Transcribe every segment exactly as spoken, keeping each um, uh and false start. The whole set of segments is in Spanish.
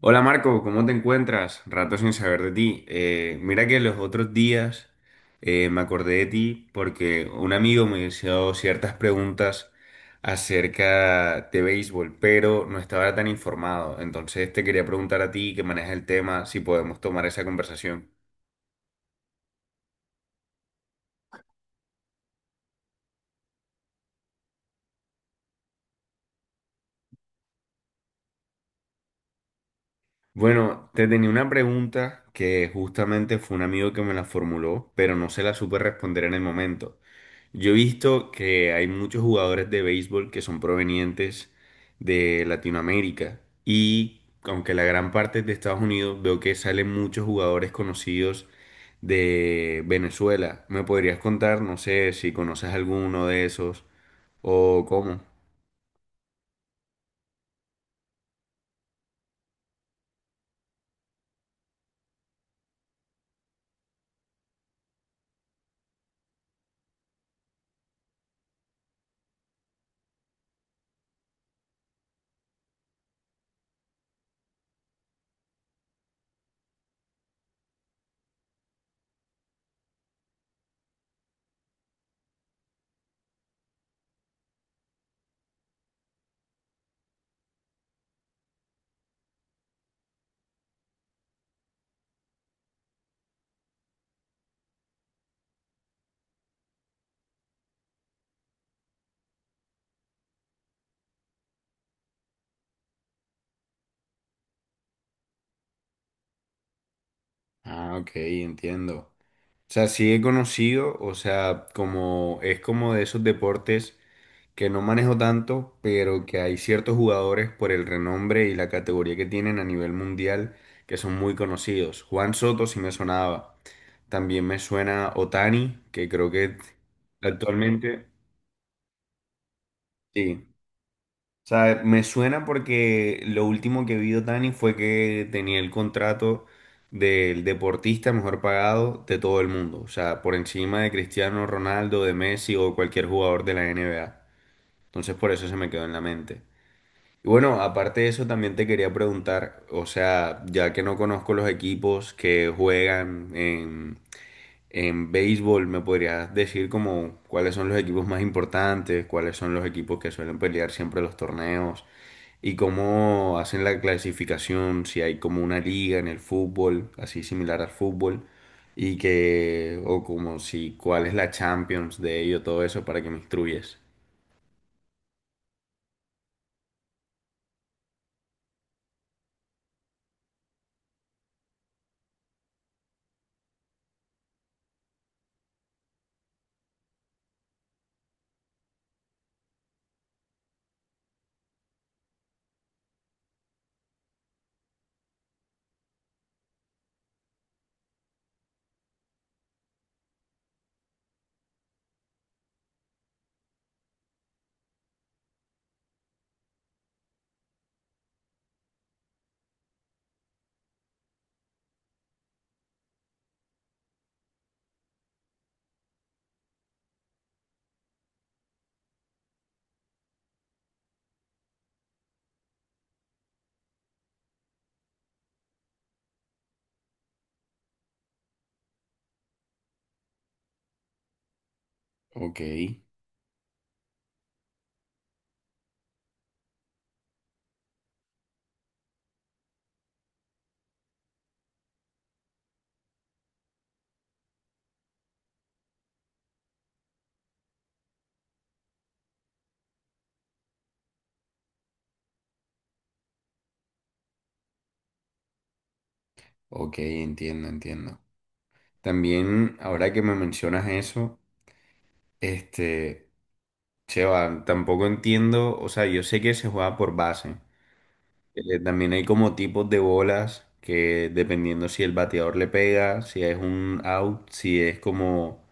Hola Marco, ¿cómo te encuentras? Rato sin saber de ti. Eh, mira que los otros días eh, me acordé de ti porque un amigo me hizo ciertas preguntas acerca de béisbol, pero no estaba tan informado. Entonces te quería preguntar a ti que manejas el tema si podemos tomar esa conversación. Bueno, te tenía una pregunta que justamente fue un amigo que me la formuló, pero no se la supe responder en el momento. Yo he visto que hay muchos jugadores de béisbol que son provenientes de Latinoamérica y aunque la gran parte es de Estados Unidos, veo que salen muchos jugadores conocidos de Venezuela. ¿Me podrías contar, no sé, si conoces alguno de esos o cómo? Ah, ok, entiendo. O sea, sí he conocido, o sea, como es como de esos deportes que no manejo tanto, pero que hay ciertos jugadores por el renombre y la categoría que tienen a nivel mundial que son muy conocidos. Juan Soto sí me sonaba. También me suena Otani, que creo que actualmente, sí, o sea, me suena porque lo último que vio Dani fue que tenía el contrato del deportista mejor pagado de todo el mundo. O sea, por encima de Cristiano Ronaldo, de Messi o cualquier jugador de la N B A. Entonces, por eso se me quedó en la mente. Y bueno, aparte de eso, también te quería preguntar, o sea, ya que no conozco los equipos que juegan en, en béisbol, ¿me podrías decir como cuáles son los equipos más importantes, cuáles son los equipos que suelen pelear siempre los torneos? ¿Y cómo hacen la clasificación? Si hay como una liga en el fútbol, así similar al fútbol, y que, o como si, ¿cuál es la Champions de ello? Todo eso para que me instruyes. Ok, ok, entiendo, entiendo. También, ahora que me mencionas eso, este, Cheva, tampoco entiendo, o sea, yo sé que se juega por base. Eh, también hay como tipos de bolas que dependiendo si el bateador le pega, si es un out, si es como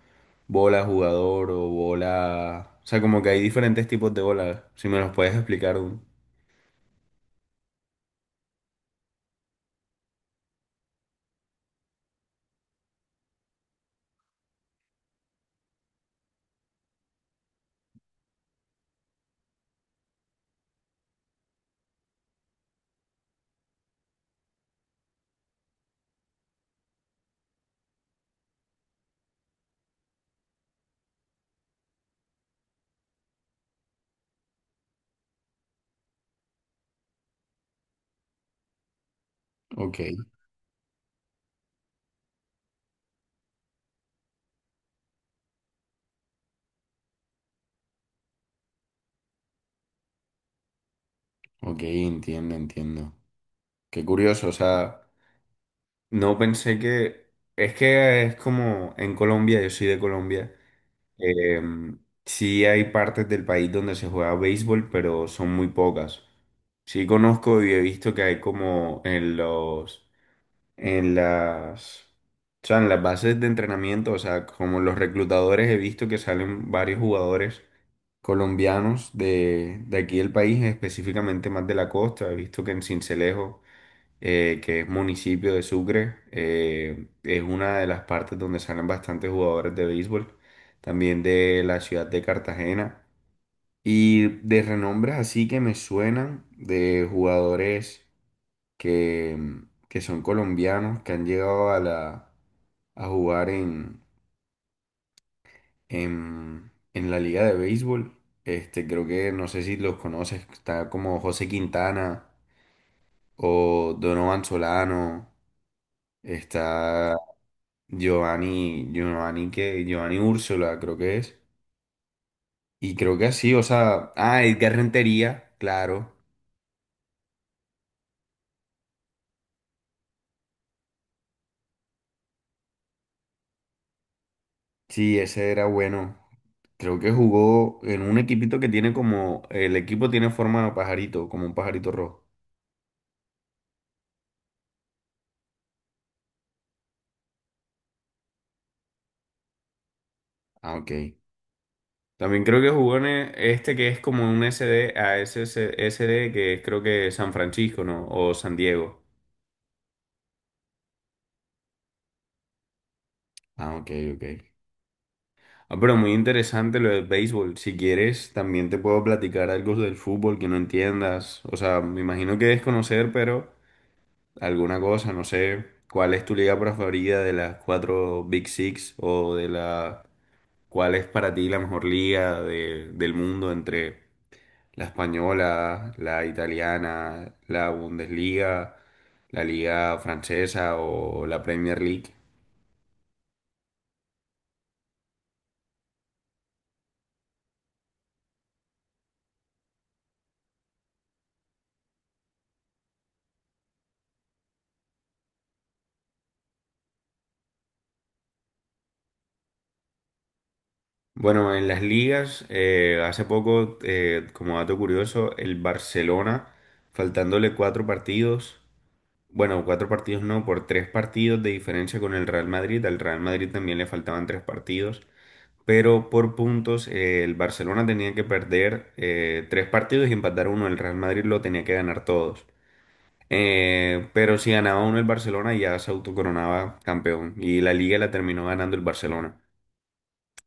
bola jugador o bola... O sea, como que hay diferentes tipos de bolas. Si me los puedes explicar un... Ok, ok, entiendo, entiendo. Qué curioso, o sea, no pensé que... Es que es como en Colombia, yo soy de Colombia. Eh, sí hay partes del país donde se juega béisbol, pero son muy pocas. Sí conozco y he visto que hay como en los, en las, o sea, en las bases de entrenamiento, o sea, como los reclutadores he visto que salen varios jugadores colombianos de, de aquí del país, específicamente más de la costa. He visto que en Sincelejo eh, que es municipio de Sucre, eh, es una de las partes donde salen bastantes jugadores de béisbol, también de la ciudad de Cartagena. Y de renombres así que me suenan de jugadores que, mm, que son colombianos, que han llegado a la, a jugar en, en, en la liga de béisbol. Este, creo que no sé si los conoces, está como José Quintana o Donovan Solano, está Giovanni, Giovanni, que Giovanni Úrsula, creo que es. Y creo que así, o sea, ah, Edgar Rentería, claro. Sí, ese era bueno. Creo que jugó en un equipito que tiene como, el equipo tiene forma de pajarito, como un pajarito rojo. Ah, ok. También creo que jugó en e- este que es como un S D a S S S D que es creo que San Francisco, ¿no? O San Diego. Ah, ok, ok. Ah, pero muy interesante lo del béisbol. Si quieres, también te puedo platicar algo del fútbol que no entiendas. O sea, me imagino que debes conocer, pero alguna cosa, no sé. ¿Cuál es tu liga preferida de las cuatro Big Six? ¿O de la... cuál es para ti la mejor liga de- del mundo entre la española, la italiana, la Bundesliga, la liga francesa o la Premier League? Bueno, en las ligas, eh, hace poco, eh, como dato curioso, el Barcelona, faltándole cuatro partidos, bueno, cuatro partidos no, por tres partidos de diferencia con el Real Madrid, al Real Madrid también le faltaban tres partidos, pero por puntos, eh, el Barcelona tenía que perder eh, tres partidos y empatar uno, el Real Madrid lo tenía que ganar todos. Eh, pero si ganaba uno el Barcelona ya se autocoronaba campeón y la liga la terminó ganando el Barcelona.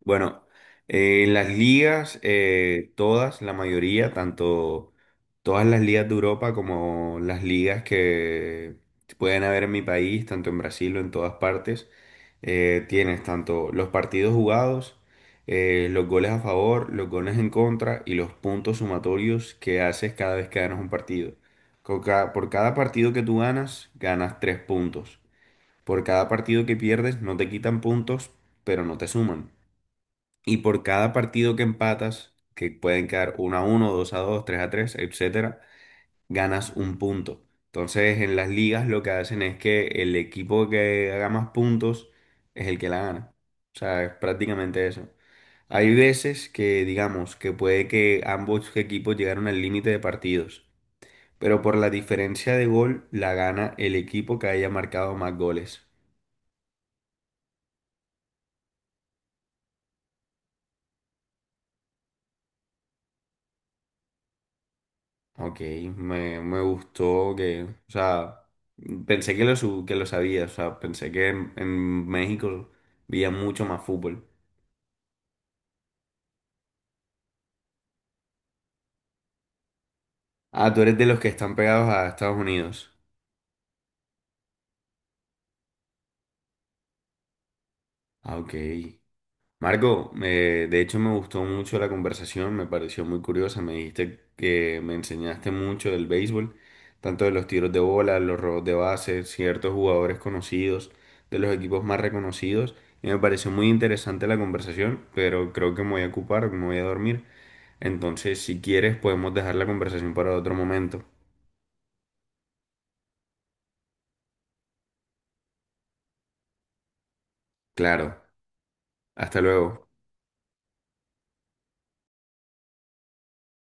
Bueno, eh, en las ligas, eh, todas, la mayoría, tanto todas las ligas de Europa como las ligas que pueden haber en mi país, tanto en Brasil o en todas partes, eh, tienes tanto los partidos jugados, eh, los goles a favor, los goles en contra y los puntos sumatorios que haces cada vez que ganas un partido. Con ca- por cada partido que tú ganas, ganas tres puntos. Por cada partido que pierdes, no te quitan puntos, pero no te suman. Y por cada partido que empatas, que pueden quedar uno a uno, dos a dos, tres a tres, etcétera, ganas un punto. Entonces, en las ligas lo que hacen es que el equipo que haga más puntos es el que la gana. O sea, es prácticamente eso. Hay veces que, digamos, que puede que ambos equipos llegaron al límite de partidos, pero por la diferencia de gol la gana el equipo que haya marcado más goles. Ok, me, me gustó que, o sea, pensé que lo, su- que lo sabía, o sea, pensé que en, en México veía mucho más fútbol. Ah, tú eres de los que están pegados a Estados Unidos. Ah, ok. Marco, eh, de hecho me gustó mucho la conversación, me pareció muy curiosa. Me dijiste que me enseñaste mucho del béisbol, tanto de los tiros de bola, los robos de base, ciertos jugadores conocidos, de los equipos más reconocidos. Y me pareció muy interesante la conversación, pero creo que me voy a ocupar, me voy a dormir. Entonces, si quieres, podemos dejar la conversación para otro momento. Claro, hasta luego.